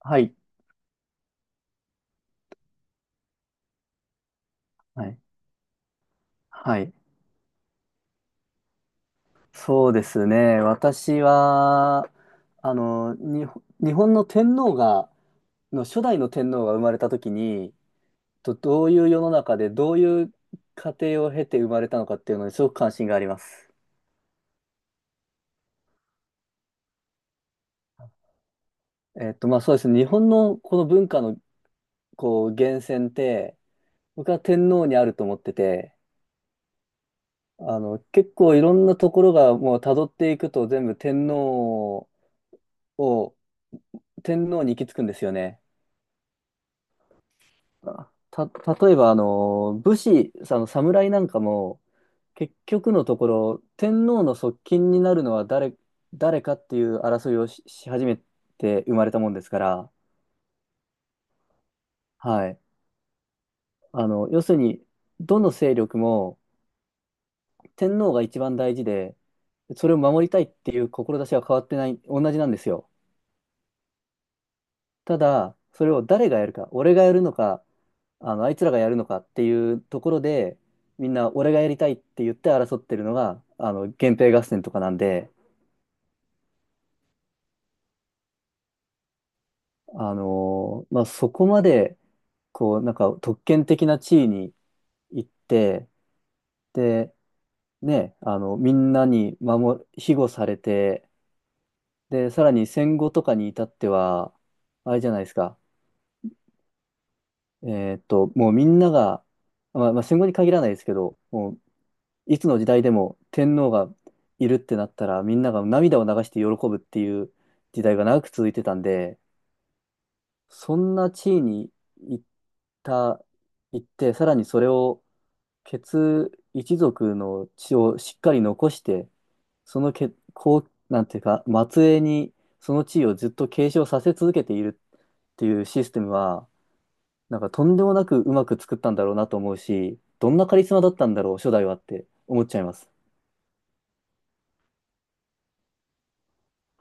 はい、はい、はい。そうですね。私は、日本の天皇が、の初代の天皇が生まれた時に、とどういう世の中で、どういう過程を経て生まれたのかっていうのにすごく関心があります。まあそうですね。日本のこの文化の、こう、源泉って、僕は天皇にあると思ってて、結構いろんなところがもう辿っていくと全部天皇を、天皇に行き着くんですよね。あた、例えば、武士、その侍なんかも、結局のところ、天皇の側近になるのは誰、誰かっていう争いをし始めて生まれたもんですから、はい。要するに、どの勢力も天皇が一番大事で、それを守りたいっていう志は変わってない、同じなんですよ。ただ、それを誰がやるか、俺がやるのか、あいつらがやるのかっていうところで、みんな俺がやりたいって言って争ってるのが、源平合戦とかなんで、まあ、そこまで、こう、なんか特権的な地位に行って、で、ね、みんなに庇護されて、で、さらに戦後とかに至っては、あれじゃないですか、えもうみんなが、まあ、まあ戦後に限らないですけど、もういつの時代でも天皇がいるってなったら、みんなが涙を流して喜ぶっていう時代が長く続いてたんで、そんな地位に行った、行って、さらにそれを、一族の血をしっかり残して、そのけ、こう、なんていうか、末裔にその地位をずっと継承させ続けているっていうシステムは、なんかとんでもなくうまく作ったんだろうなと思うし、どんなカリスマだったんだろう、初代はって思っちゃいます。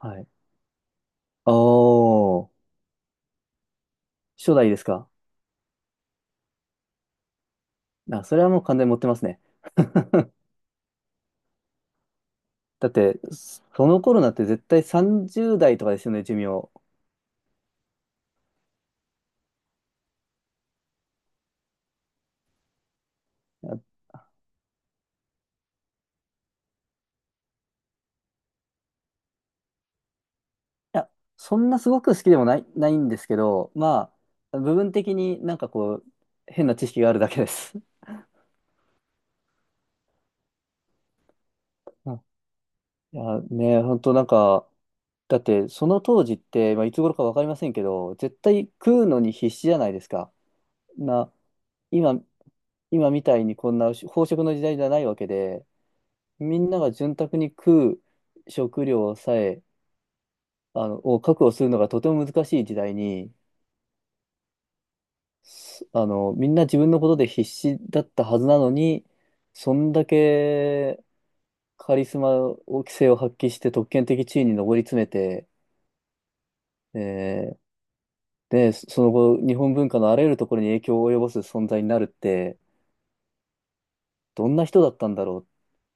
はい。おー、初代ですか。あ、それはもう完全に持ってますね。だって、その頃なんて絶対30代とかですよね、寿命。いや、そんなすごく好きでもないんですけど、まあ、部分的になんかこう、変な知識があるだけです。うん、いや、ね、本当なんか、だってその当時って、まあ、いつ頃かわかりませんけど、絶対食うのに必死じゃないですか。な、今、今みたいにこんな飽食の時代じゃないわけで、みんなが潤沢に食う食料さえ、を確保するのがとても難しい時代に、すあの、みんな自分のことで必死だったはずなのに、そんだけカリスマを、規制を発揮して特権的地位に上り詰めて、えーで、その後、日本文化のあらゆるところに影響を及ぼす存在になるって、どんな人だったんだろう。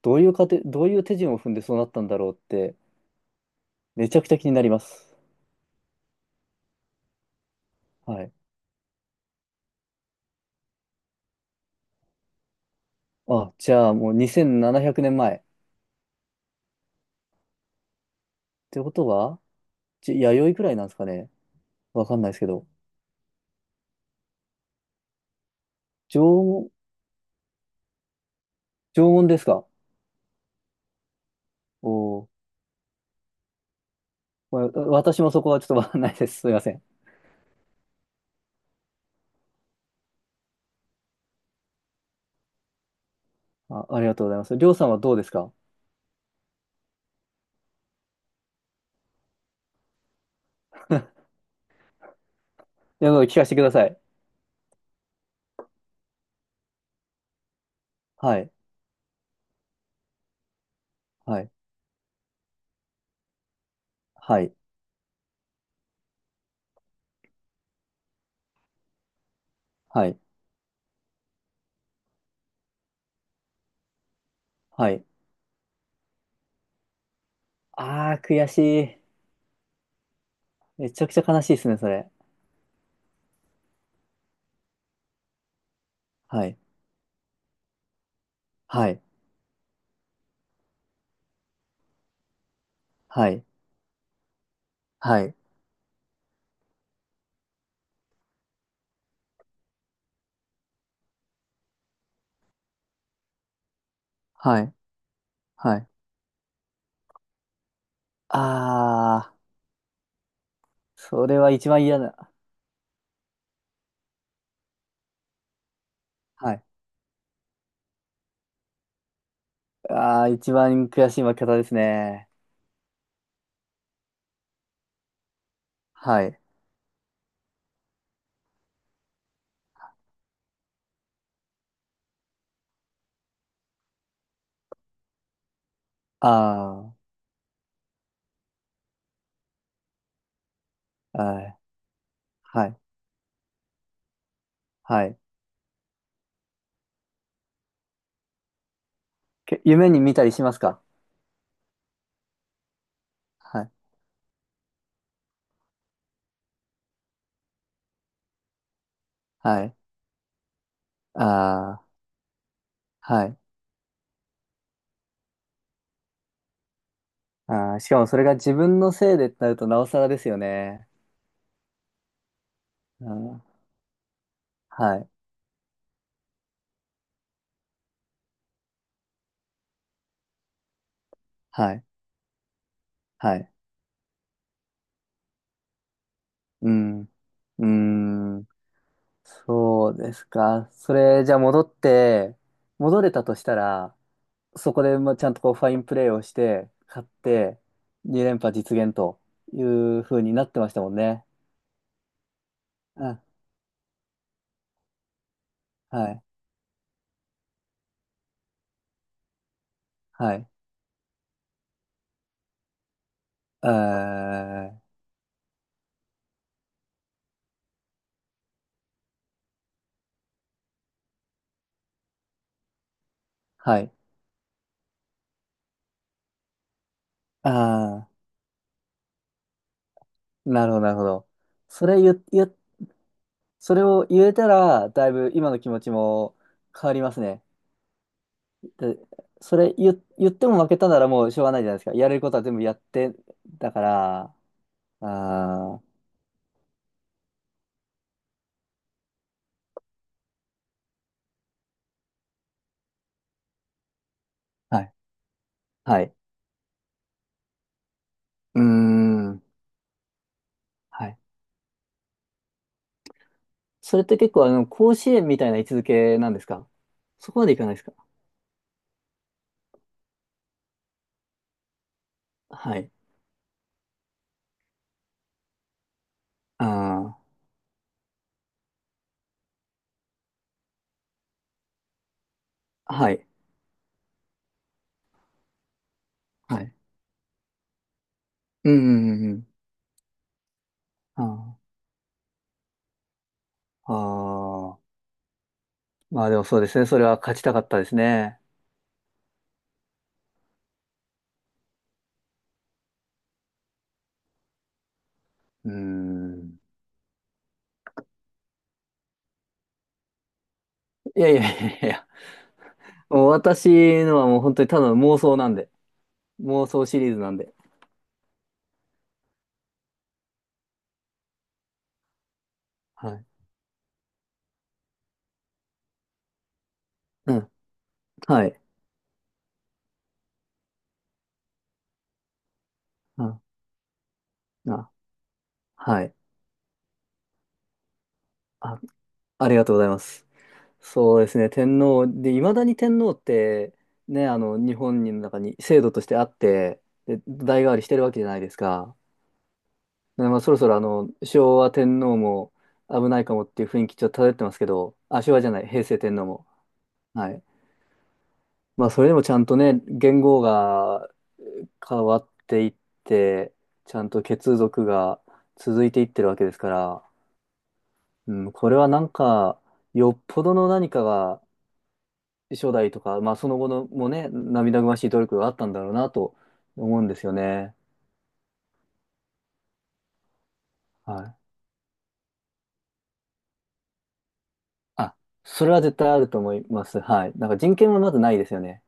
どういう過程、どういう手順を踏んでそうなったんだろうって、めちゃくちゃ気になります。はい。あ、じゃあもう2700年前。ってことは、弥生くらいなんですかね。わかんないですけど。縄文、縄文ですか？おおー、まあ私もそこはちょっとわかんないです。すいません。あ、ありがとうございます。りょうさんはどうですか？ いや、聞かせてください。はい、はい、はい、はい、はい。あー、悔しい。めちゃくちゃ悲しいですね、それ。はい、はい、はい、はい、はい、はい。あー、それは一番嫌な。はい。ああ、一番悔しい負け方ですね。はい。ああ、はい、はい、はい。夢に見たりしますか？はい、はい、ああ、はい。ああ、しかもそれが自分のせいでってなるとなおさらですよね。うん、はい、はい、はい。うん、うん、そうですか。それ、じゃあ戻って、戻れたとしたら、そこで、まあ、ちゃんとこうファインプレーをして、勝って、2連覇実現という風になってましたもんね。うん。はい。はい。えー、はい。ああ、なるほど、なるほど。それ言、言、それを言えたら、だいぶ今の気持ちも変わりますね。で、それ言、言っても負けたならもうしょうがないじゃないですか。やれることは全部やって、だから、ああ、はい。はい。うーん。はい。それって結構あの、甲子園みたいな位置づけなんですか？そこまでいかないですか？はい。ああ、はい。はい。うん、うん、うん。うん、あー、あ、まあでもそうですね。それは勝ちたかったですね。うーん。いやいやいやいやいや。もう私のはもう本当にただの妄想なんで。妄想シリーズなんで。はい。うん。はい。うん。あ、はい。あ、ありがとうございます。そうですね、天皇。で、いまだに天皇って、ね、日本の中に制度としてあって、で、代替わりしてるわけじゃないですか。でまあ、そろそろ、昭和天皇も危ないかもっていう雰囲気ちょっと漂ってますけど、あ、昭和じゃない、平成天皇も。はい。まあ、それでもちゃんとね、元号が変わっていって、ちゃんと血族が続いていってるわけですから、うん、これはなんか、よっぽどの何かが初代とか、まあその後のもね、涙ぐましい努力があったんだろうなと思うんですよね。はい。あ、それは絶対あると思います。はい。なんか人権はまずないですよね。